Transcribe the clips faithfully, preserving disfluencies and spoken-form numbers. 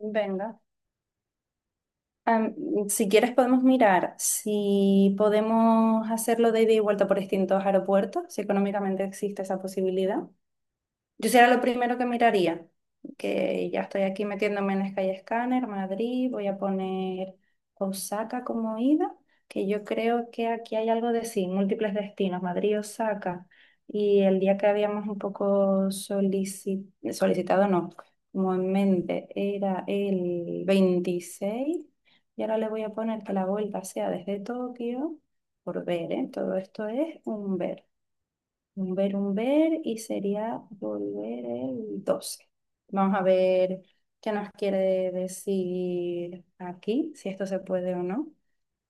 Venga. Am, si quieres podemos mirar si podemos hacerlo de ida y vuelta por distintos aeropuertos, si económicamente existe esa posibilidad. Yo será lo primero que miraría, que ya estoy aquí metiéndome en Sky Scanner, Madrid. Voy a poner Osaka como ida, que yo creo que aquí hay algo de sí, múltiples destinos, Madrid, Osaka, y el día que habíamos un poco solici- solicitado, no, como en mente, era el veintiséis. Y ahora le voy a poner que la vuelta sea desde Tokio, por ver, ¿eh? Todo esto es un ver. Un ver, un ver y sería volver el doce. Vamos a ver qué nos quiere decir aquí, si esto se puede o no.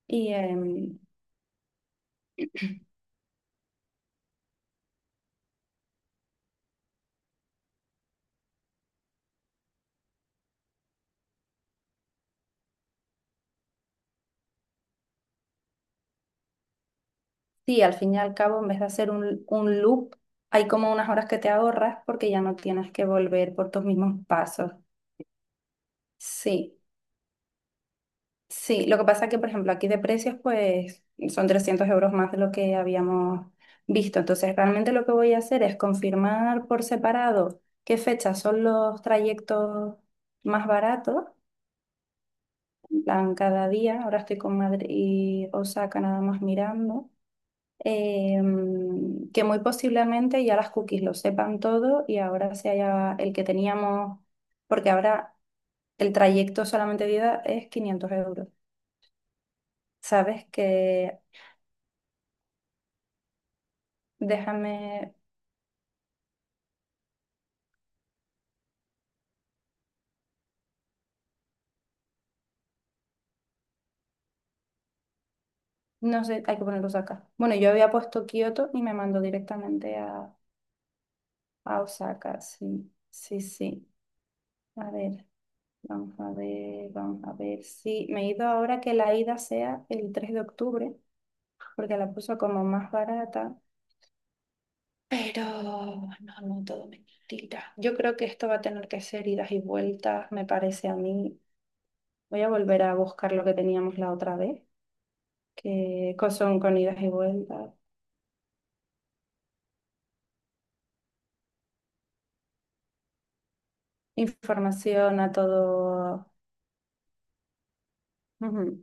Y em, sí, al fin y al cabo, en vez de hacer un, un loop, hay como unas horas que te ahorras porque ya no tienes que volver por tus mismos pasos. Sí. Sí, lo que pasa es que, por ejemplo, aquí de precios, pues son trescientos euros más de lo que habíamos visto. Entonces, realmente lo que voy a hacer es confirmar por separado qué fechas son los trayectos más baratos, en plan cada día. Ahora estoy con Madrid y Osaka nada más mirando. Em, que muy posiblemente ya las cookies lo sepan todo y ahora se haya el que teníamos, porque ahora el trayecto solamente de ida es quinientos euros. Sabes que Déjame, no sé, hay que poner Osaka. Bueno, yo había puesto Kioto y me mandó directamente a, a, Osaka. Sí, sí, sí. A ver, vamos a ver, vamos a ver. Sí, me he ido ahora que la ida sea el tres de octubre, porque la puso como más barata. Pero no, no, todo mentira. Yo creo que esto va a tener que ser idas y vueltas, me parece a mí. Voy a volver a buscar lo que teníamos la otra vez, que co- son con idas y vueltas. Información, a todo. Ujú.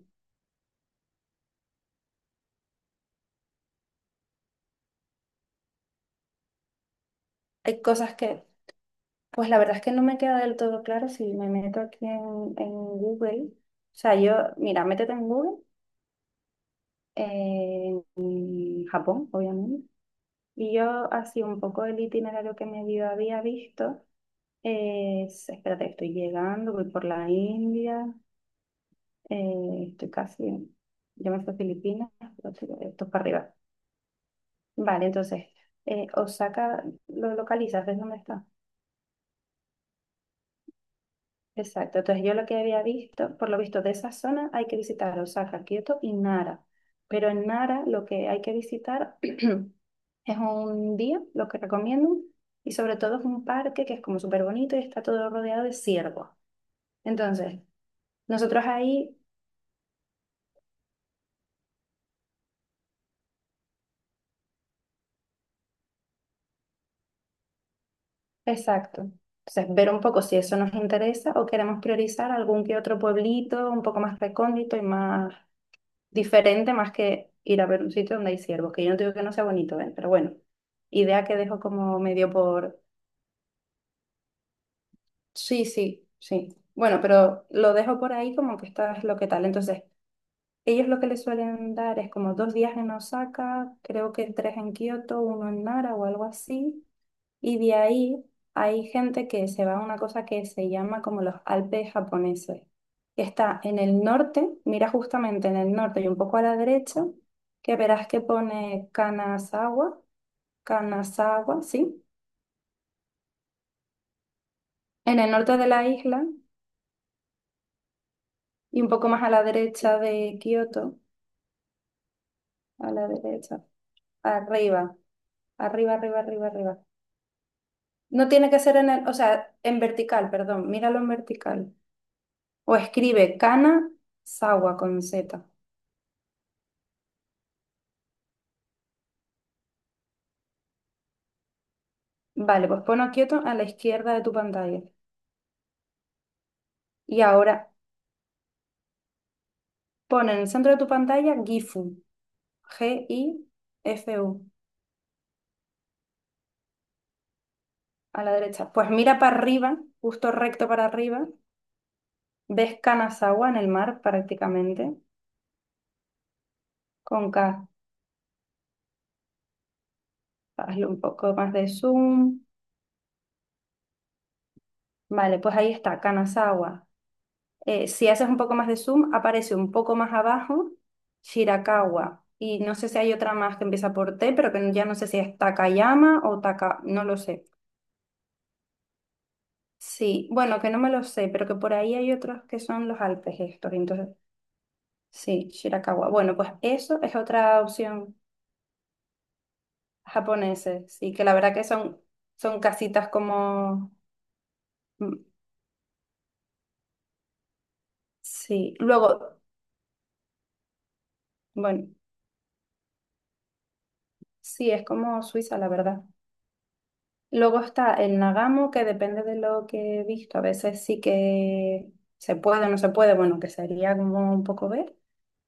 Hay cosas que, pues la verdad es que no me queda del todo claro si me meto aquí en, en Google. O sea, yo, mira, métete en Google, eh, en Japón, obviamente. Y yo así un poco el itinerario que medio había visto, eh, es, espérate, estoy llegando, voy por la India, eh, estoy casi, yo me fui a Filipinas, pero estoy- esto es para arriba. Vale, entonces, eh, Osaka, ¿lo localizas? ¿Ves dónde está? Exacto, entonces yo lo que había visto, por lo visto de esa zona hay que visitar Osaka, Kioto y Nara, pero en Nara lo que hay que visitar es un día, lo que recomiendo, y sobre todo es un parque que es como súper bonito y está todo rodeado de ciervos. Entonces, nosotros ahí, exacto, entonces ver un poco si eso nos interesa o queremos priorizar algún que otro pueblito un poco más recóndito y más diferente, más que ir a ver un sitio donde hay ciervos, que yo no digo que no sea bonito, ¿eh? Pero bueno, idea que dejo como medio por. Sí, sí, sí. Bueno, pero lo dejo por ahí como que esta es lo que tal. Entonces, ellos lo que les suelen dar es como dos días en Osaka, creo que tres en Kioto, uno en Nara o algo así. Y de ahí hay gente que se va a una cosa que se llama como los Alpes japoneses, que está en el norte. Mira, justamente en el norte y un poco a la derecha, que verás que pone Kanazawa. Kanazawa, sí, en el norte de la isla y un poco más a la derecha de Kioto, a la derecha, arriba, arriba, arriba, arriba, arriba. No tiene que ser en el, o sea, en vertical, perdón, míralo en vertical. O escribe Kanazawa con Z. Vale, pues pon Kyoto a la izquierda de tu pantalla. Y ahora pon en el centro de tu pantalla Gifu, G-I-F-U, a la derecha. Pues mira para arriba, justo recto para arriba. Ves Kanazawa en el mar prácticamente, con K. Hazle un poco más de zoom. Vale, pues ahí está, Kanazawa. Eh, si haces un poco más de zoom, aparece un poco más abajo Shirakawa. Y no sé si hay otra más que empieza por T, pero que ya no sé si es Takayama o Taka, no lo sé. Sí, bueno, que no me lo sé, pero que por ahí hay otros que son los Alpes estos. Entonces, sí, Shirakawa. Bueno, pues eso es otra opción japonesa, sí, que la verdad que son, son casitas como, mm, sí, luego, bueno, sí, es como Suiza, la verdad. Luego está el Nagamo, que depende de lo que he visto, a veces sí que se puede o no se puede, bueno, que sería como un poco ver.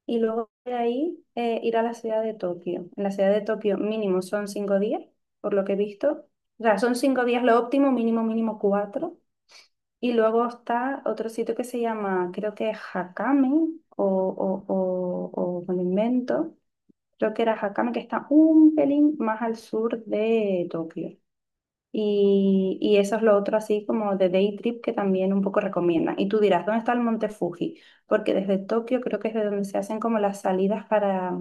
Y luego de ahí, eh, ir a la ciudad de Tokio. En la ciudad de Tokio mínimo son cinco días, por lo que he visto. O sea, son cinco días lo óptimo, mínimo, mínimo cuatro. Y luego está otro sitio que se llama, creo que es Hakame, o, o, o, o me lo invento. Creo que era Hakame, que está un pelín más al sur de Tokio. Y, y eso es lo otro así como de day trip que también un poco recomiendan. Y tú dirás, ¿dónde está el Monte Fuji? Porque desde Tokio creo que es de donde se hacen como las salidas para.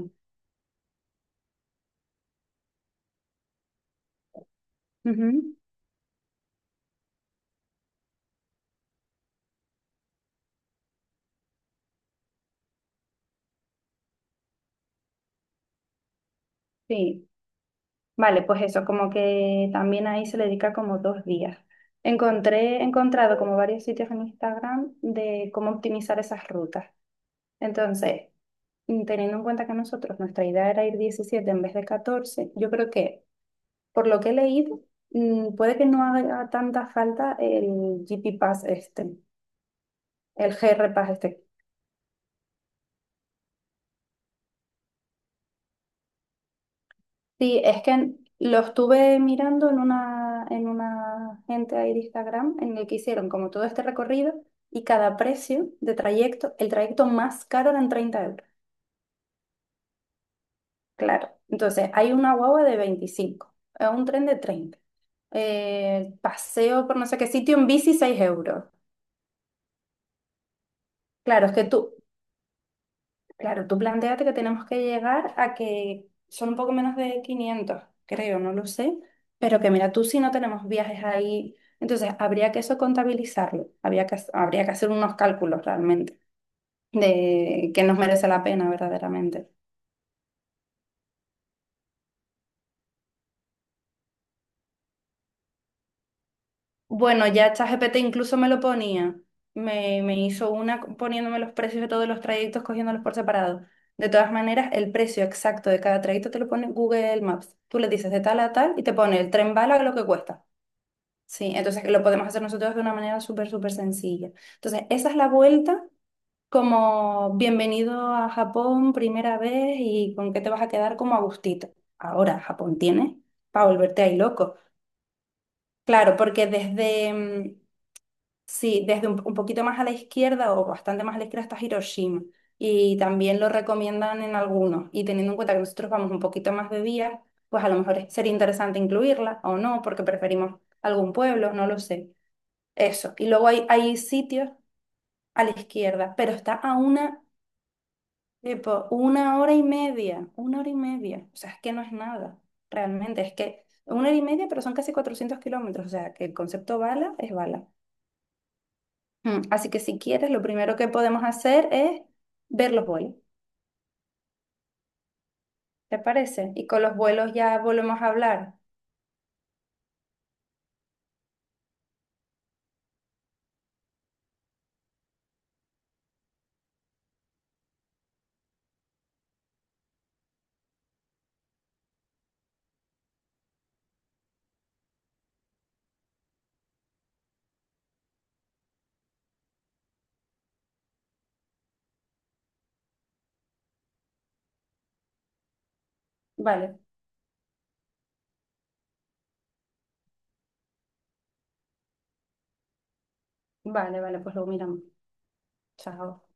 Ujú. Sí, vale, pues eso, como que también ahí se le dedica como dos días. Encontré, he encontrado como varios sitios en Instagram de cómo optimizar esas rutas. Entonces, mm, teniendo en cuenta que nosotros, nuestra idea era ir diecisiete en vez de catorce, yo creo que, por lo que he leído, mm, puede que no haga tanta falta el G P Pass este, el G R Pass este. Sí, es que lo estuve mirando en una, en una, gente ahí de Instagram en el que hicieron como todo este recorrido, y cada precio de trayecto, el trayecto más caro eran treinta euros. Claro, entonces hay una guagua de veinticinco, eh, un tren de treinta, eh, paseo por no sé qué sitio en bici seis euros. Claro, es que tú, Claro, tú planteate que tenemos que llegar a que son un poco menos de quinientos, creo, no lo sé, pero que mira, tú si no tenemos viajes ahí, entonces habría que eso contabilizarlo, habría que, habría que hacer unos cálculos realmente de que nos merece la pena verdaderamente. Bueno, ya ChatGPT incluso me lo ponía, me, me hizo una poniéndome los precios de todos los trayectos, cogiéndolos por separado. De todas maneras, el precio exacto de cada trayecto te lo pone Google Maps. Tú le dices de tal a tal y te pone el tren bala lo que cuesta. Sí, entonces lo podemos hacer nosotros de una manera súper, súper sencilla. Entonces, esa es la vuelta como bienvenido a Japón primera vez y con qué te vas a quedar como a gustito. Ahora, Japón tiene para volverte ahí loco. Claro, porque desde, mm, sí, desde un, un poquito más a la izquierda o bastante más a la izquierda está Hiroshima, y también lo recomiendan en algunos. Y teniendo en cuenta que nosotros vamos un poquito más de día, pues a lo mejor es sería interesante incluirla o no, porque preferimos algún pueblo, no lo sé. Eso. Y luego hay, hay sitios a la izquierda, pero está a una, tipo, una hora y media, una hora y media. O sea, es que no es nada, realmente. Es que una hora y media, pero son casi cuatrocientos kilómetros. O sea, que el concepto bala es bala. Mm, Así que si quieres, lo primero que podemos hacer es ver los vuelos. ¿Te parece? Y con los vuelos ya volvemos a hablar. Vale, vale, vale, pues lo miramos. Chao.